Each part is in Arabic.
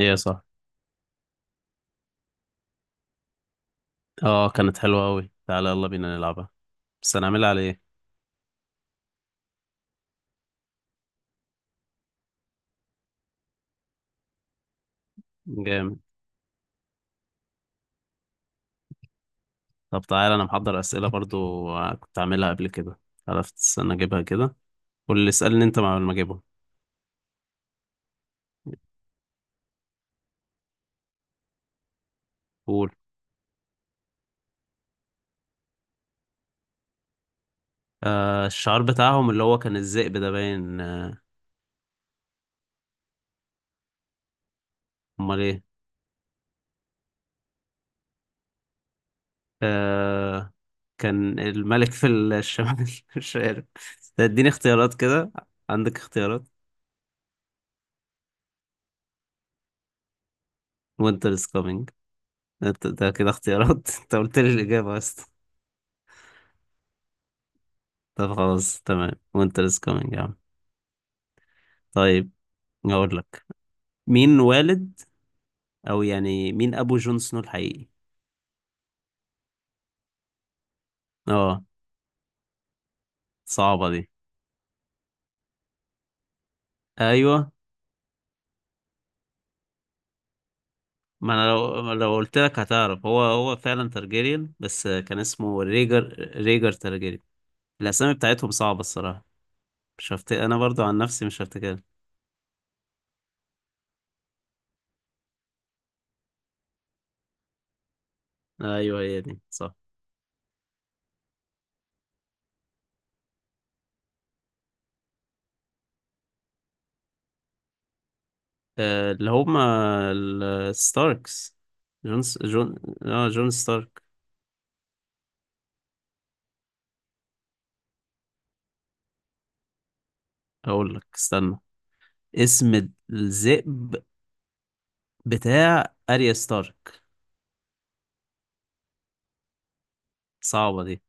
ايه صح. اه كانت حلوة أوي، تعالى يلا بينا نلعبها. بس هنعملها على ايه؟ جامد. طب تعالى انا محضر أسئلة برضو، كنت عاملها قبل كده. عرفت، استنى اجيبها كده. قول اللي اسألني انت مع ما اجيبهم. قول الشعار بتاعهم اللي هو كان الذئب ده باين، امال ايه. آه كان الملك في الشمال مش عارف. ده اديني اختيارات كده، عندك اختيارات. وينتر از كامينج. ده ده كده اختيارات انت قلت لي الإجابة بس. طب خلاص تمام، وينتر از كامينج يا عم. طيب اقول لك، مين والد، او يعني مين ابو جون سنو الحقيقي؟ اه صعبة دي. ايوه. ما انا لو قلت لك هتعرف، هو فعلا تارجيريان، بس كان اسمه ريجر تارجيريان. الاسامي بتاعتهم صعبة الصراحة. مش هفت... انا برضو عن نفسي مش هفتكرها. ايوه هي دي صح. اللي هما الستاركس. جون، اه جون ستارك. اقول لك، استنى، اسم الذئب بتاع اريا ستارك. صعبة دي.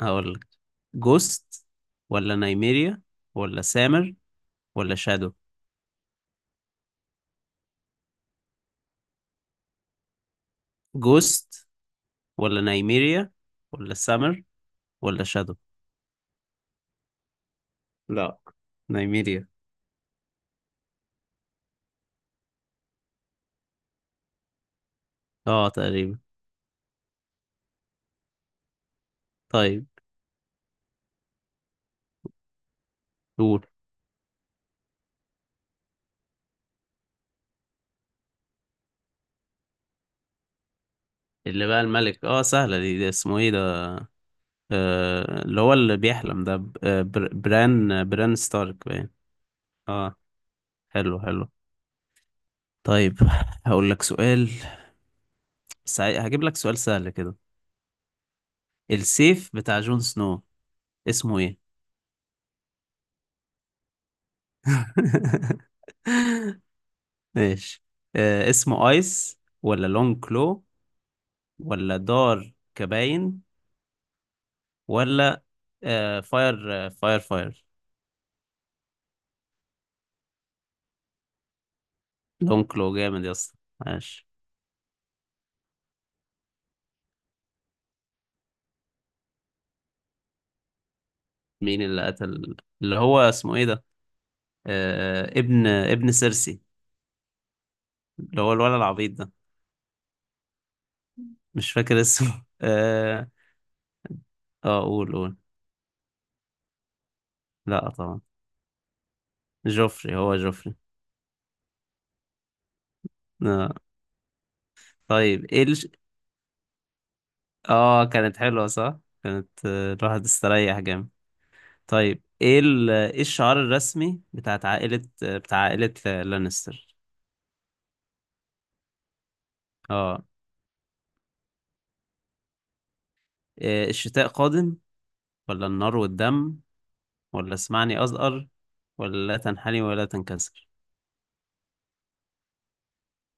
هقول لك، جوست ولا نايميريا ولا سامر ولا شادو؟ جوست ولا نايميريا ولا سامر ولا شادو؟ لا، نايميريا. اه تقريبا. طيب قول. اللي بقى الملك، اه سهلة دي، دي اسمه ايه ده؟ آه اللي هو اللي بيحلم ده، بران، ستارك باين. اه. حلو حلو. طيب هقول لك سؤال. هجيب لك سؤال سهل كده. السيف بتاع جون سنو اسمه ايه؟ ماشي. آه اسمه ايس، ولا لونج كلو، ولا دار كباين، ولا فاير فاير؟ لونج كلو، جامد يا اسطى. ماشي. مين اللي قتل، اللي هو اسمه ايه ده، آه ابن سيرسي، اللي هو الولد العبيط ده. مش فاكر اسمه اه. اه قول قول. لا طبعا. جوفري، هو جوفري. آه. طيب اه كانت حلوة صح. كانت، الواحد استريح جامد. طيب ايه الشعار الرسمي بتاع عائلة لانستر؟ اه، إيه؟ الشتاء قادم، ولا النار والدم، ولا اسمعني أزأر، ولا لا تنحني ولا تنكسر؟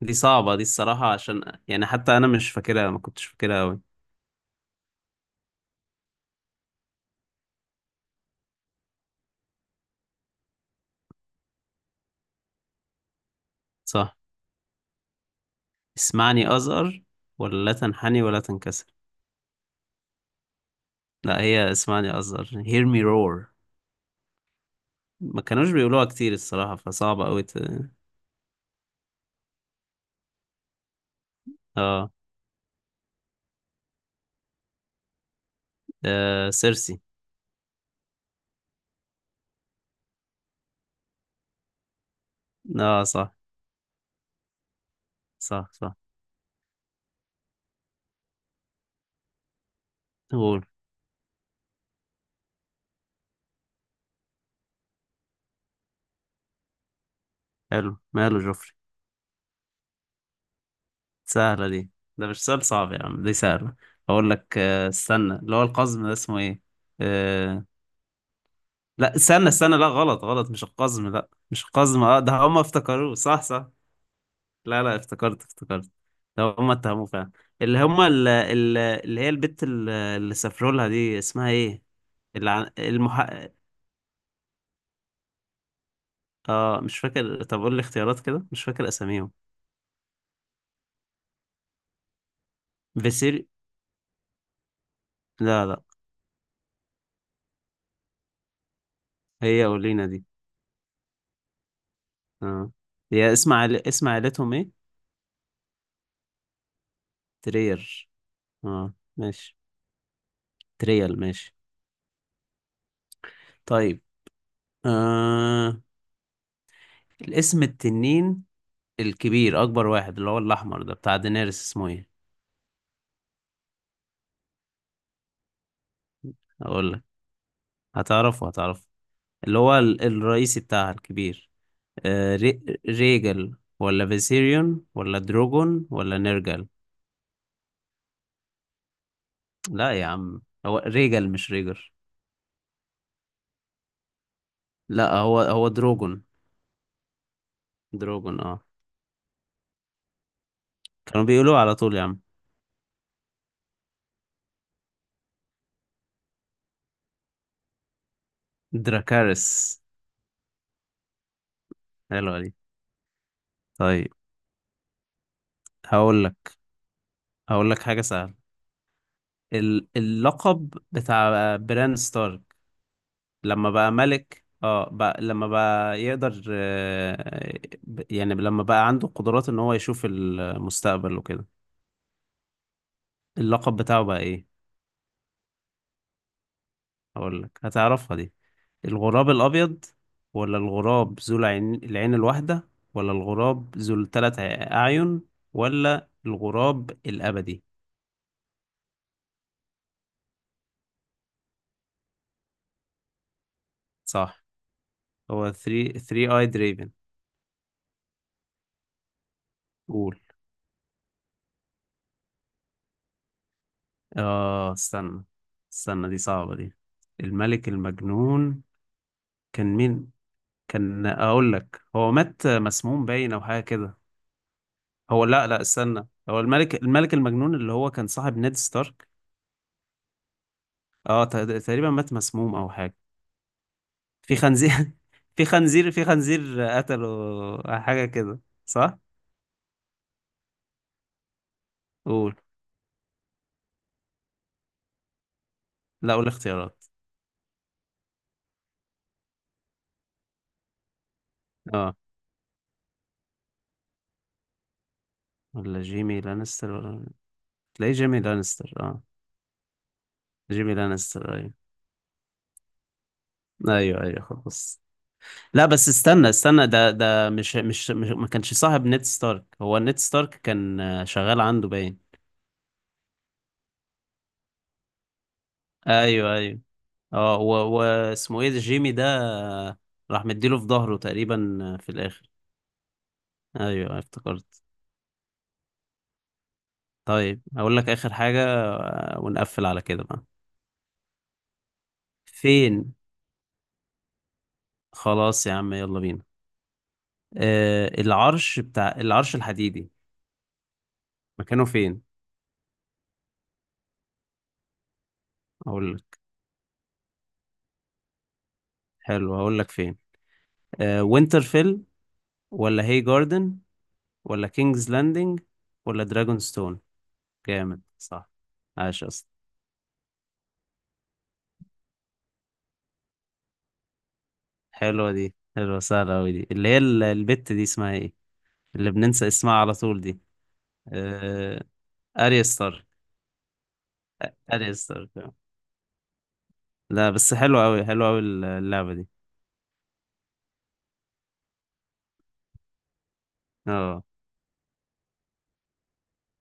دي صعبة دي الصراحة، عشان يعني حتى أنا مش فاكرها، ما كنتش فاكرها أوي. صح، اسمعني أزأر ولا لا تنحني ولا تنكسر؟ لا، هي اسمعني أزأر، hear me roar. ما كانوش بيقولوها كتير الصراحة فصعبة أوي ت... اه، سيرسي. اه صح، صح صح. قول. حلو، ماله جوفري. سهلة دي، ده مش سؤال صعب يا عم، دي سهلة. أقول لك، استنى، اللي هو القزم ده اسمه إيه؟ آه... لا استنى لا غلط غلط، مش القزم، لا مش القزم، اه ده هما افتكروه، صح صح. لا لا افتكرت ده هما اتهموه فعلا. اللي هما اللي هي البت اللي سافروا لها دي اسمها إيه؟ اللي عن... المح... اه مش فاكر، طب قول لي اختيارات كده، مش فاكر أساميهم. فيسيري، لا لا. هي أولينا دي. اه. هي اسم اسم عائلتهم إيه؟ ترير. اه ماشي، تريال، ماشي. طيب، آه... الاسم التنين الكبير، اكبر واحد، اللي هو الاحمر ده بتاع دينيرس، اسمه ايه؟ اقول لك، هتعرفه اللي هو الرئيسي بتاعها الكبير. آه... ريجل، ولا فيسيريون، ولا دروجون، ولا نيرجل؟ لا يا عم، هو ريجل مش ريجر. لا، هو هو دروجون. دروجون اه. كانوا بيقولوه على طول يا عم. دراكارس. حلوة دي. طيب هقول لك، هقول لك حاجة سهلة. اللقب بتاع بران ستارك، لما بقى ملك، اه بقى لما بقى يقدر، يعني لما بقى عنده قدرات ان هو يشوف المستقبل وكده، اللقب بتاعه بقى ايه؟ اقول لك، هتعرفها دي. الغراب الابيض، ولا الغراب ذو العين الواحدة، ولا الغراب ذو الثلاث اعين، ولا الغراب الابدي؟ صح. هو 3 اي دريفن. قول. اه استنى استنى، دي صعبة دي. الملك المجنون كان مين؟ كان، اقول لك هو مات مسموم باين او حاجة كده. لا لا استنى، هو الملك المجنون اللي هو كان صاحب نيد ستارك. اه ت- تقريبا مات مسموم او حاجة. في خنزير في خنزير، في خنزير قتله، حاجة كده. صح. قول. لا قول اختيارات. اه، ولا جيمي لانستر، ولا، تلاقي جيمي لانستر اه. جيمي لانستر ايوه. ايوه ايوه خلاص. لا بس استنى ده ده مش، ما كانش صاحب نيد ستارك، هو نيد ستارك كان، شغال عنده باين. ايوه ايوه. اه و- واسمه ايه ده، جيمي ده، آه، راح مديله في ظهره تقريبا، في الاخر. ايوه افتكرت. طيب اقول لك اخر حاجة، ونقفل على كده بقى. فين؟ خلاص يا عم يلا بينا. العرش العرش الحديدي مكانه فين؟ اقول لك. حلو، هقول لك فين. آه وينترفيل، ولا هي جاردن، ولا كينجز لاندنج، ولا دراجون ستون؟ جامد، صح، عاش اصلا. حلوة دي، حلوة سهلة أوي دي، اللي هي البت دي اسمها ايه، اللي بننسى اسمها على طول دي. آه... اريا ستارك. آه. لا بس حلوة أوي، حلوة أوي اللعبة دي. اه